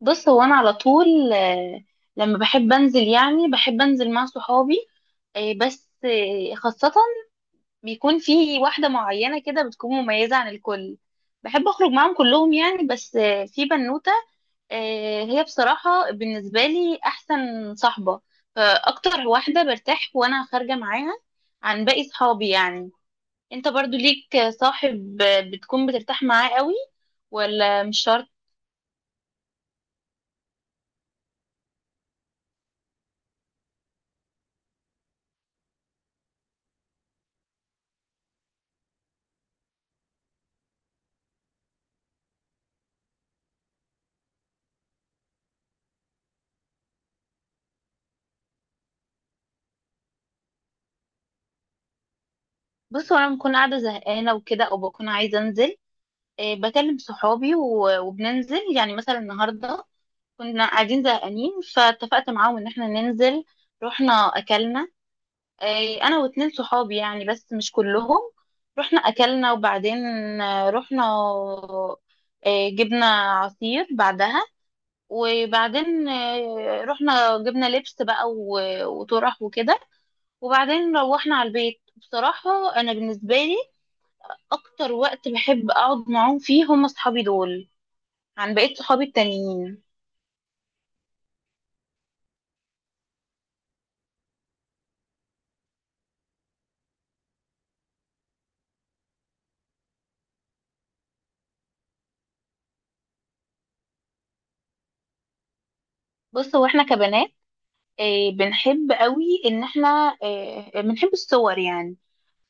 بص، هو انا على طول لما بحب انزل، يعني بحب انزل مع صحابي. بس خاصة بيكون في واحدة معينة كده بتكون مميزة عن الكل. بحب اخرج معاهم كلهم يعني، بس في بنوتة. هي بصراحة بالنسبة لي احسن صاحبة، فاكتر واحدة برتاح وانا خارجة معاها عن باقي صحابي يعني. انت برضو ليك صاحب بتكون بترتاح معاه قوي، ولا مش شرط؟ بص، وانا بكون قاعده زهقانه وكده، او بكون عايزه انزل، إيه، بكلم صحابي وبننزل. يعني مثلا النهارده كنا قاعدين زهقانين، فاتفقت معاهم ان احنا ننزل. رحنا، اكلنا، إيه، انا واتنين صحابي يعني، بس مش كلهم. رحنا اكلنا، وبعدين رحنا، إيه، جبنا عصير بعدها. وبعدين رحنا جبنا لبس بقى، وطرح وكده. وبعدين روحنا على البيت. بصراحه، انا بالنسبه لي اكتر وقت بحب اقعد معاهم فيه هم اصحابي دول، عن بقية صحابي التانيين. بص، هو احنا كبنات بنحب قوي ان احنا بنحب الصور يعني.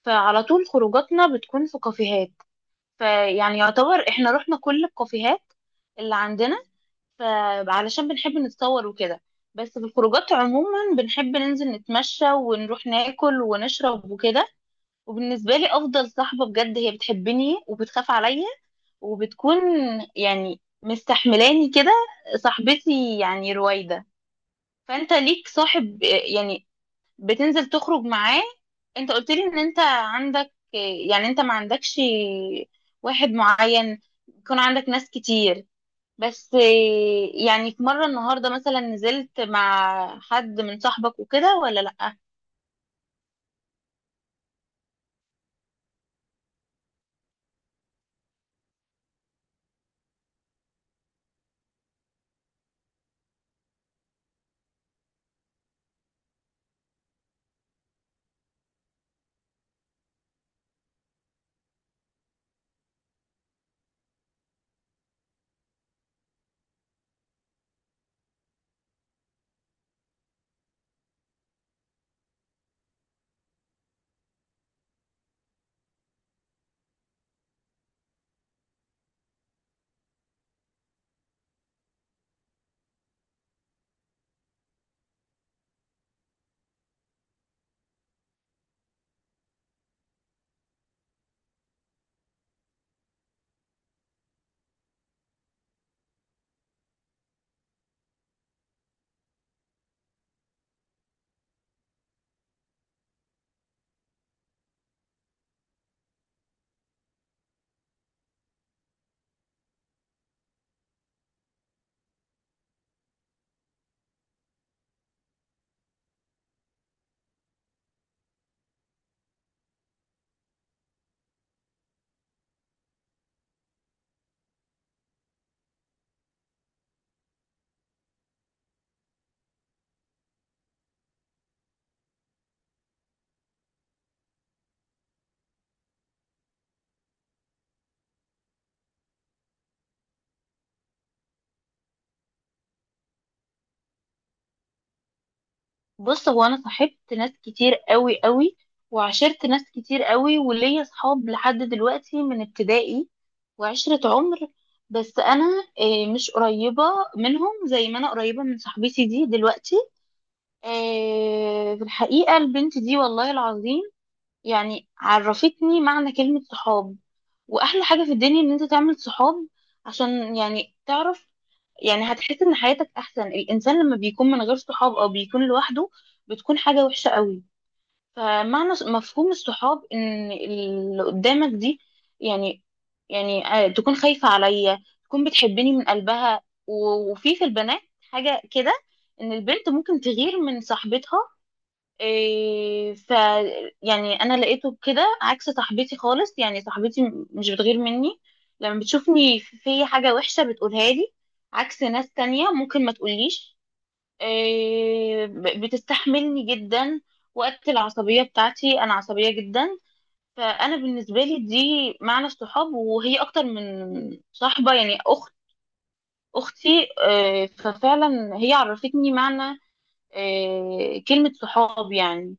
فعلى طول خروجاتنا بتكون في كافيهات، فيعني يعتبر احنا رحنا كل الكافيهات اللي عندنا، فعلشان بنحب نتصور وكده. بس في الخروجات عموما بنحب ننزل نتمشى ونروح ناكل ونشرب وكده. وبالنسبة لي، أفضل صاحبة بجد هي بتحبني وبتخاف عليا، وبتكون يعني مستحملاني كده، صاحبتي يعني رويدة. فانت ليك صاحب يعني بتنزل تخرج معاه؟ انت قلت لي ان انت عندك، يعني انت ما عندكش واحد معين، يكون عندك ناس كتير، بس يعني في مرة النهاردة مثلا نزلت مع حد من صاحبك وكده، ولا لأ؟ بص، هو انا صاحبت ناس كتير قوي قوي، وعشرت ناس كتير قوي، وليا صحاب لحد دلوقتي من ابتدائي وعشرة عمر. بس انا مش قريبة منهم زي ما انا قريبة من صاحبتي دي دلوقتي. في الحقيقة البنت دي والله العظيم يعني عرفتني معنى كلمة صحاب. واحلى حاجه في الدنيا ان انت تعمل صحاب، عشان يعني تعرف، يعني هتحس ان حياتك احسن. الانسان لما بيكون من غير صحاب او بيكون لوحده بتكون حاجه وحشه قوي. مفهوم الصحاب ان اللي قدامك دي يعني يعني تكون خايفه عليا، تكون بتحبني من قلبها. وفي في البنات حاجه كده، ان البنت ممكن تغير من صاحبتها. إيه ف، يعني انا لقيته كده عكس صاحبتي خالص. يعني صاحبتي مش بتغير مني، لما بتشوفني في حاجة وحشة بتقولها لي، عكس ناس تانية ممكن ما تقوليش. إيه، بتستحملني جدا وقت العصبية بتاعتي، انا عصبية جدا. فانا بالنسبة لي دي معنى الصحاب، وهي اكتر من صاحبة، يعني اخت، اختي. إيه، ففعلا هي عرفتني معنى، إيه، كلمة صحاب يعني.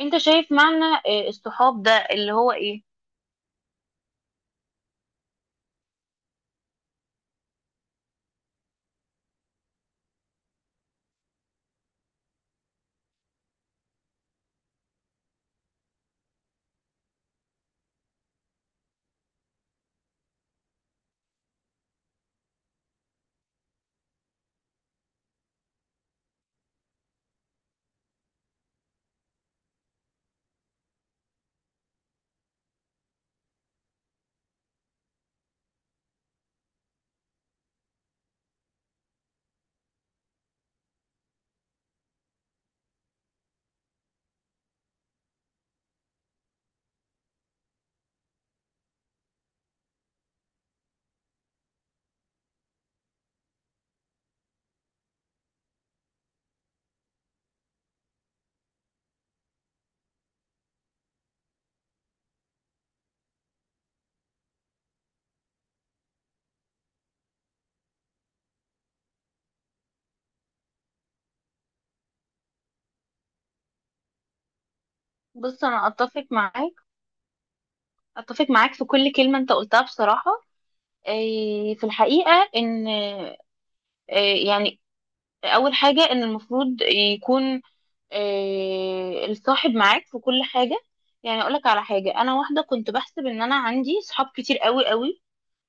انت شايف معنى الصحاب ده اللي هو ايه؟ بص، انا اتفق معاك، اتفق معاك في كل كلمة انت قلتها بصراحة. في الحقيقة ان آه، يعني اول حاجة ان المفروض يكون الصاحب معاك في كل حاجة. يعني اقولك على حاجة، انا واحدة كنت بحسب ان انا عندي صحاب كتير قوي قوي،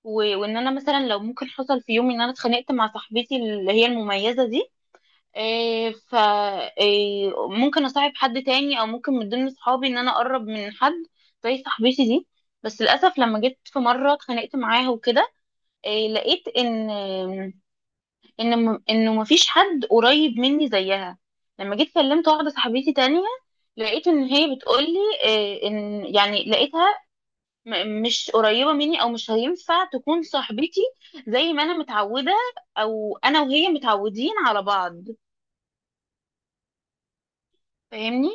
وان انا مثلا لو ممكن حصل في يوم ان انا اتخانقت مع صاحبتي اللي هي المميزة دي، إيه ف، إيه، ممكن اصاحب حد تاني، او ممكن من ضمن صحابي ان انا اقرب من حد زي صاحبتي دي. بس للاسف لما جيت في مره اتخانقت معاها وكده، إيه، لقيت انه مفيش حد قريب مني زيها. لما جيت كلمت واحده صاحبتي تانية، لقيت ان هي بتقولي، إيه، ان يعني لقيتها مش قريبه مني، او مش هينفع تكون صاحبتي زي ما انا متعوده، او انا وهي متعودين على بعض. فاهمني؟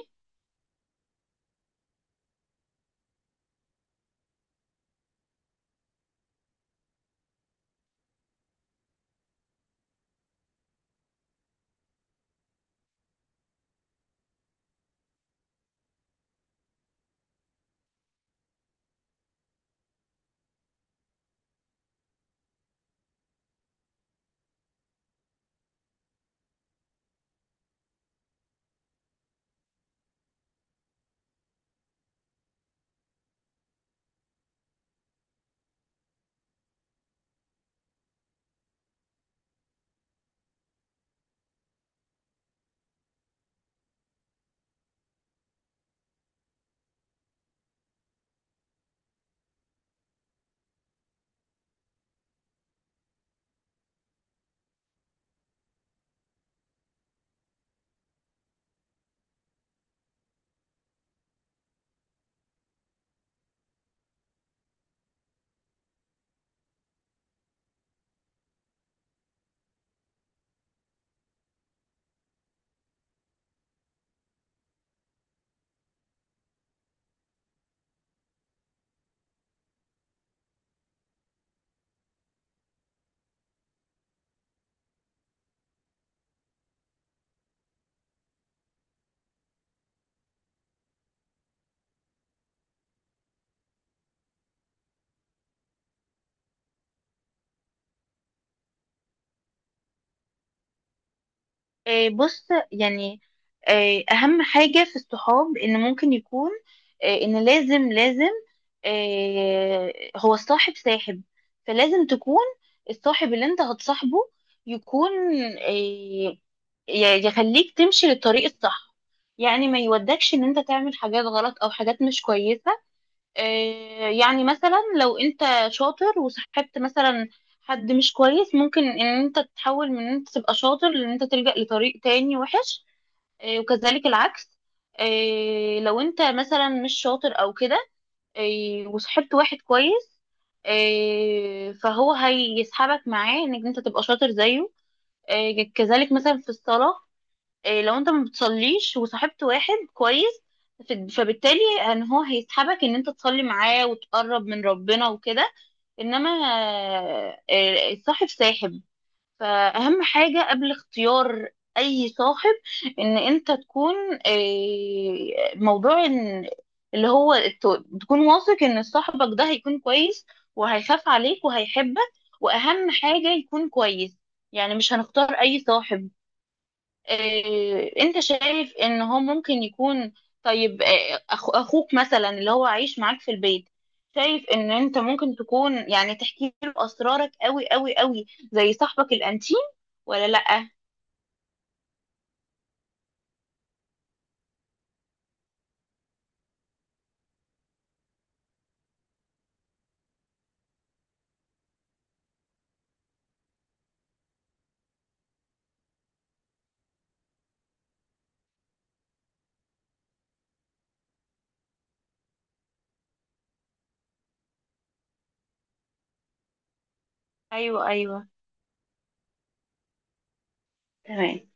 بص يعني اهم حاجة في الصحاب ان ممكن يكون ان لازم لازم، هو الصاحب ساحب. فلازم تكون الصاحب اللي انت هتصاحبه يكون آه، يخليك تمشي للطريق الصح. يعني ما يودكش ان انت تعمل حاجات غلط او حاجات مش كويسة. يعني مثلا لو انت شاطر، وصاحبت مثلا حد مش كويس، ممكن ان انت تتحول من ان انت تبقى شاطر لان انت تلجأ لطريق تاني وحش. وكذلك العكس، لو انت مثلا مش شاطر او كده وصاحبت واحد كويس، فهو هيسحبك معاه انك انت تبقى شاطر زيه. كذلك مثلا في الصلاة، إيه، لو انت ما بتصليش وصاحبت واحد كويس، فبالتالي ان هو هيسحبك ان انت تصلي معاه وتقرب من ربنا وكده. انما الصاحب ساحب. فاهم؟ حاجة قبل اختيار اي صاحب ان انت تكون موضوع إن اللي هو تكون واثق ان صاحبك ده هيكون كويس، وهيخاف عليك وهيحبك. واهم حاجة يكون كويس. يعني مش هنختار اي صاحب انت شايف ان هو ممكن يكون. طيب، اخوك مثلا اللي هو عايش معاك في البيت، شايف ان انت ممكن تكون يعني تحكي له اسرارك قوي قوي قوي زي صاحبك الانتيم، ولا لا؟ ايوه ايوه. تمام.